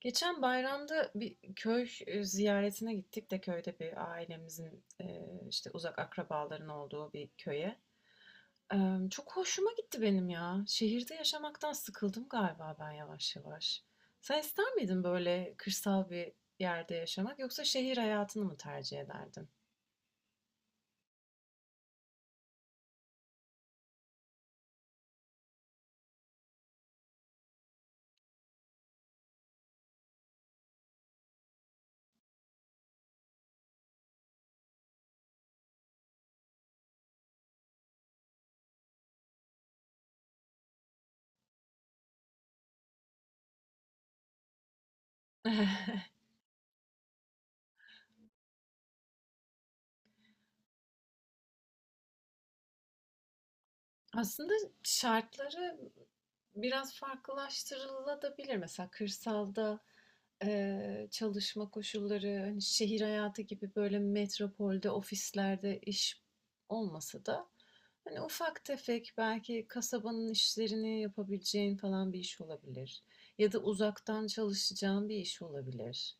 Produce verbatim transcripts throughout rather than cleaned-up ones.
Geçen bayramda bir köy e, ziyaretine gittik de köyde bir ailemizin e, işte uzak akrabaların olduğu bir köye. E, Çok hoşuma gitti benim ya. Şehirde yaşamaktan sıkıldım galiba ben yavaş yavaş. Sen ister miydin böyle kırsal bir yerde yaşamak yoksa şehir hayatını mı tercih ederdin? Aslında şartları biraz farklılaştırılabilir. Mesela kırsalda, eee, çalışma koşulları, hani, şehir hayatı gibi böyle metropolde, ofislerde iş olmasa da, hani, ufak tefek belki kasabanın işlerini yapabileceğin falan bir iş olabilir ya da uzaktan çalışacağın bir iş olabilir,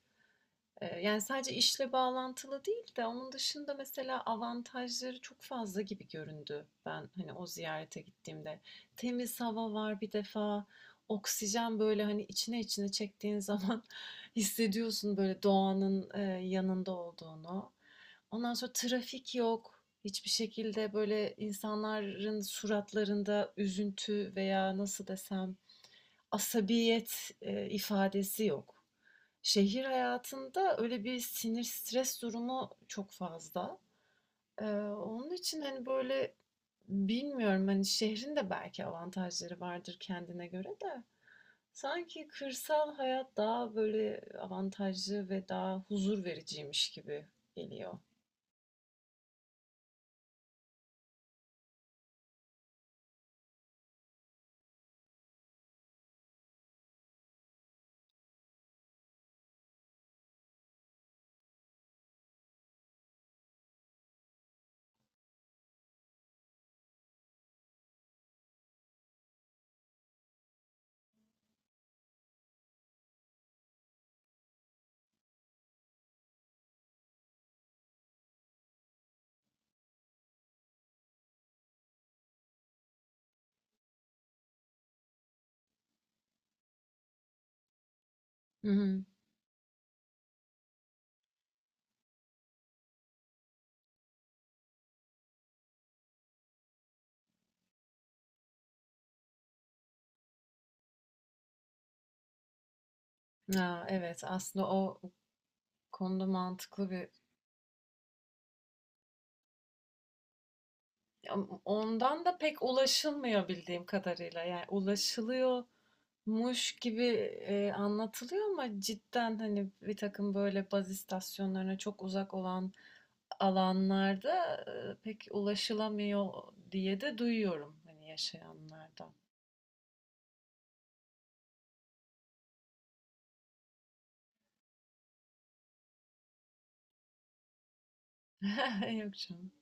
yani sadece işle bağlantılı değil de onun dışında mesela avantajları çok fazla gibi göründü ben hani o ziyarete gittiğimde. Temiz hava var bir defa, oksijen böyle hani içine içine çektiğin zaman hissediyorsun böyle doğanın eee, yanında olduğunu. Ondan sonra trafik yok. Hiçbir şekilde böyle insanların suratlarında üzüntü veya nasıl desem asabiyet e, ifadesi yok. Şehir hayatında öyle bir sinir, stres durumu çok fazla. Eee, onun için, hani, böyle, bilmiyorum, hani, şehrin de belki avantajları vardır kendine göre de sanki kırsal hayat daha, böyle, avantajlı ve daha huzur vericiymiş gibi geliyor. Hı hı. A, evet, aslında o konuda mantıklı bir. Ya, ondan da pek ulaşılmıyor bildiğim kadarıyla. Yani ulaşılıyor Muş gibi eee, anlatılıyor ama cidden hani bir takım böyle baz istasyonlarına çok uzak olan alanlarda eee, pek ulaşılamıyor diye de duyuyorum hani yaşayanlardan. Yok canım.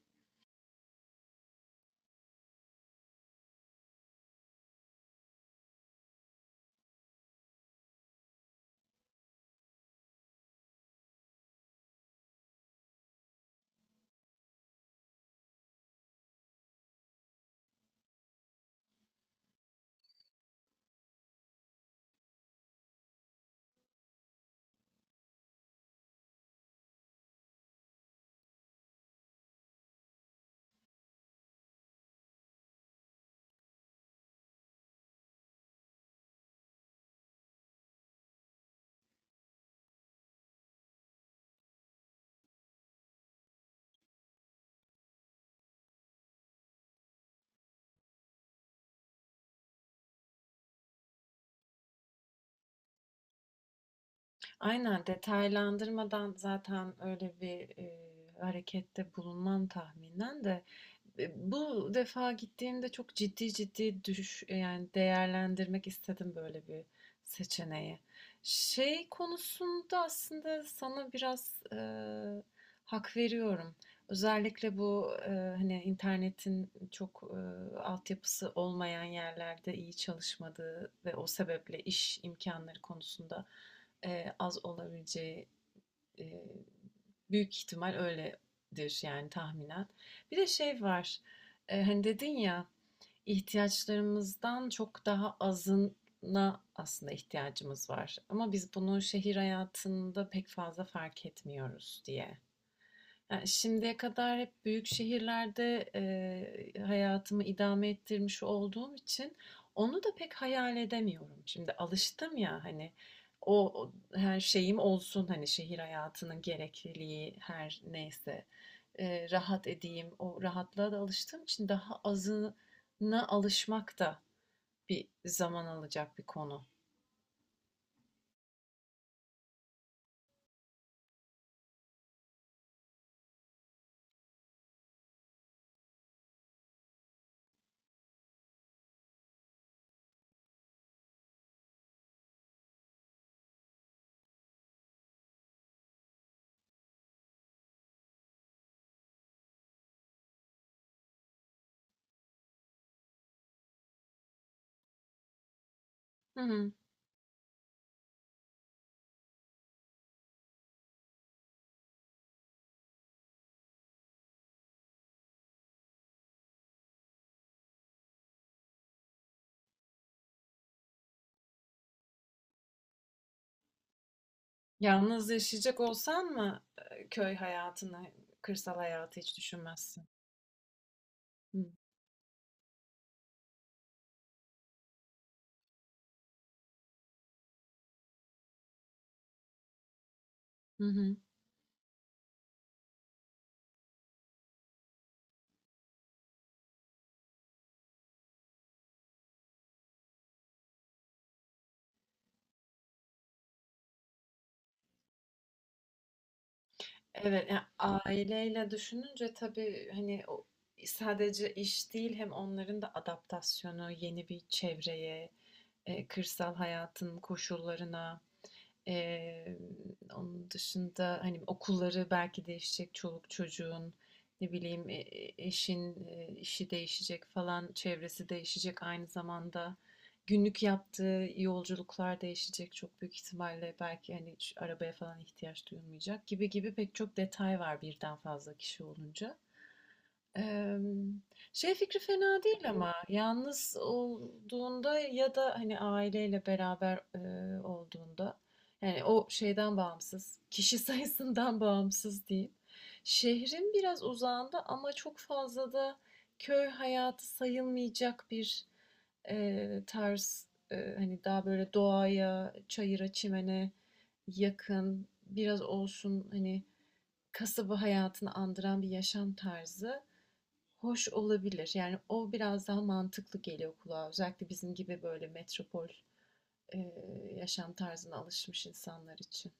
Aynen detaylandırmadan zaten öyle bir eee, harekette bulunmam tahminen de. E, Bu defa gittiğimde çok ciddi ciddi düş e, yani değerlendirmek istedim böyle bir seçeneği. Şey konusunda aslında sana biraz e, hak veriyorum. Özellikle bu e, hani internetin çok e, altyapısı olmayan yerlerde iyi çalışmadığı ve o sebeple iş imkanları konusunda e, az olabileceği, Eee, büyük ihtimal öyledir yani tahminen. Bir de şey var. Eee, hani dedin ya, ihtiyaçlarımızdan çok daha azına aslında ihtiyacımız var. Ama biz bunu şehir hayatında pek fazla fark etmiyoruz diye. Ya, şimdiye kadar hep büyük şehirlerde, eee, hayatımı idame ettirmiş olduğum için onu da pek hayal edemiyorum. Şimdi alıştım ya, hani, o o her şeyim olsun, hani, şehir hayatının gerekliliği her neyse, eee, rahat edeyim, o rahatlığa da alıştığım için daha azına alışmak da bir zaman alacak bir konu. Hı hı. Yalnız yaşayacak olsan mı, eee, köy hayatını, kırsal hayatı hiç düşünmezsin? Hı. Hı hı. Evet, ya, aileyle düşününce tabii, hani, o sadece iş değil, hem onların da adaptasyonu yeni bir çevreye, eee, kırsal hayatın koşullarına. Eee, Onun dışında, hani, okulları belki değişecek çoluk çocuğun, ne bileyim, eee, eşin, eee, işi değişecek falan, çevresi değişecek aynı zamanda. Günlük yaptığı yolculuklar değişecek çok büyük ihtimalle. Belki, hani, hiç arabaya falan ihtiyaç duyulmayacak gibi gibi pek çok detay var birden fazla kişi olunca. Emm, Şey fikri fena değil ama yalnız olduğunda ya da, hani, aileyle beraber, eee, olduğunda, yani, o şeyden bağımsız, kişi sayısından bağımsız diyeyim. Şehrin biraz uzağında ama çok fazla da köy hayatı sayılmayacak bir, eee, tarz, eee, hani, daha böyle doğaya, çayıra, çimene yakın, biraz olsun, hani, kasaba hayatını andıran bir yaşam tarzı hoş olabilir. Yani o biraz daha mantıklı geliyor kulağa. Özellikle bizim gibi böyle metropol e, yaşam tarzına alışmış insanlar için.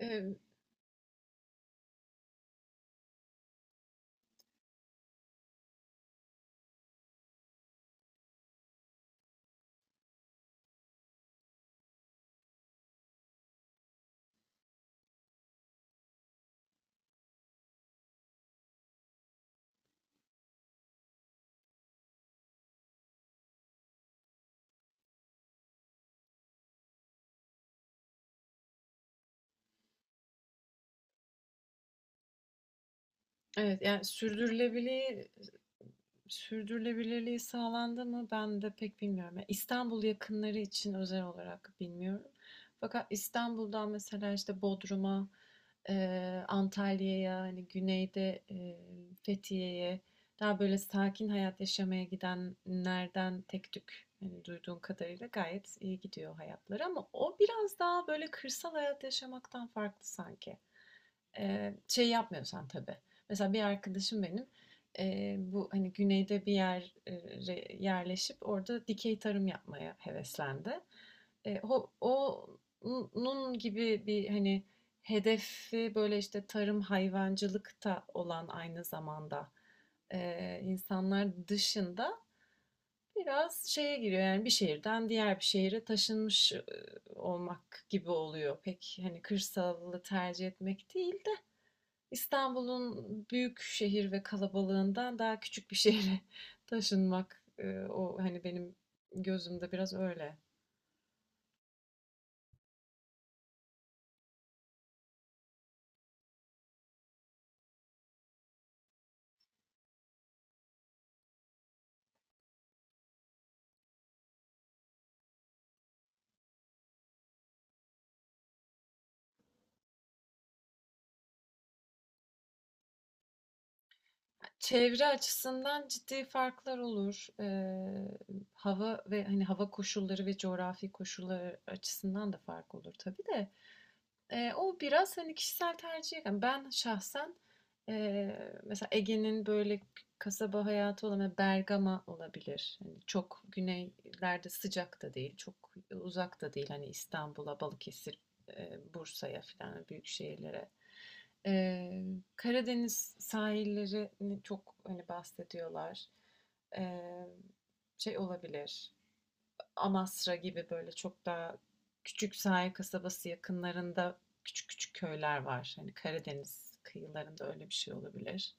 E, evet, yani sürdürülebilir Sürdürülebilirliği sağlandı mı? Ben de pek bilmiyorum. Yani İstanbul yakınları için özel olarak bilmiyorum. Fakat İstanbul'dan mesela işte Bodrum'a, eee, Antalya'ya, hani güneyde eee, Fethiye'ye daha böyle sakin hayat yaşamaya gidenlerden tek tük hani duyduğum kadarıyla gayet iyi gidiyor hayatları ama o biraz daha böyle kırsal hayat yaşamaktan farklı sanki. Eee, şey yapmıyorsan tabii. Mesela bir arkadaşım benim eee, bu hani güneyde bir yere yerleşip orada dikey tarım yapmaya heveslendi. E, o, Onun gibi bir hani hedefi böyle işte tarım hayvancılıkta olan aynı zamanda e, insanlar dışında biraz şeye giriyor, yani bir şehirden diğer bir şehire taşınmış e, olmak gibi oluyor. Pek hani kırsalı tercih etmek değil, İstanbul'un büyük şehir ve kalabalığından daha küçük bir şehre taşınmak, e, o hani benim gözümde biraz öyle. Çevre açısından ciddi farklar olur. E, hava ve hani hava koşulları ve coğrafi koşulları açısından da fark olur tabii de. Eee, o biraz, hani, kişisel tercih kalmış. Ben şahsen, eee, mesela Ege'nin böyle kasaba hayatı olan hani, Bergama olabilir. Hani, çok güneylerde sıcak da değil, çok uzak da değil. Hani, İstanbul'a, Balıkesir, eee, Bursa'ya filan büyük şehirlere. Eee, Karadeniz sahillerini çok, hani, bahsediyorlar. Eee, Şey olabilir. Amasra gibi böyle çok daha küçük sahil kasabası yakınlarında küçük küçük köyler var. Hani Karadeniz kıyılarında öyle bir şey olabilir.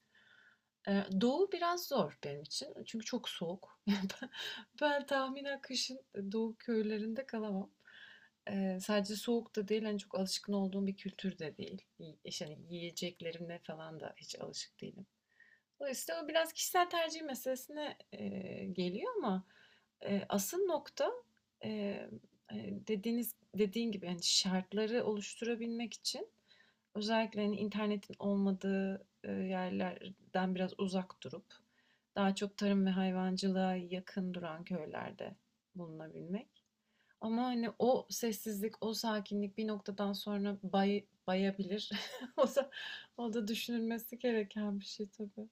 Ee, doğu biraz zor benim için. Çünkü çok soğuk. Ben, ben tahminen kışın e, doğu köylerinde kalamam. Ee, sadece soğuk da değil, hani çok alışkın olduğum bir kültür de değil. Y- İşte hani yiyeceklerine falan da hiç alışık değilim. Dolayısıyla o biraz kişisel tercih meselesine, eee, geliyor ama, eee, asıl nokta, eee, hani, dediğiniz dediğin gibi, yani şartları oluşturabilmek için özellikle, hani, internetin olmadığı, eee, yerlerden biraz uzak durup daha çok tarım ve hayvancılığa yakın duran köylerde bulunabilmek. Ama, hani, o sessizlik, o sakinlik bir noktadan sonra bay bayabilir. O da o da düşünülmesi gereken bir şey tabii.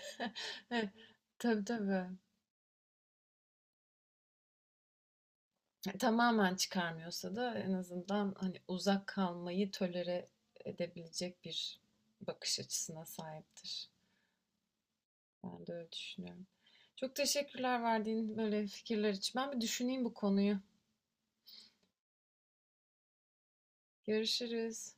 Evet, tabii tabii. E, Tamamen çıkarmıyorsa da en azından hani uzak kalmayı tolere edebilecek bir bakış açısına sahiptir. Ben de öyle düşünüyorum. Çok teşekkürler verdiğin böyle fikirler için. Ben bir düşüneyim bu konuyu. Görüşürüz.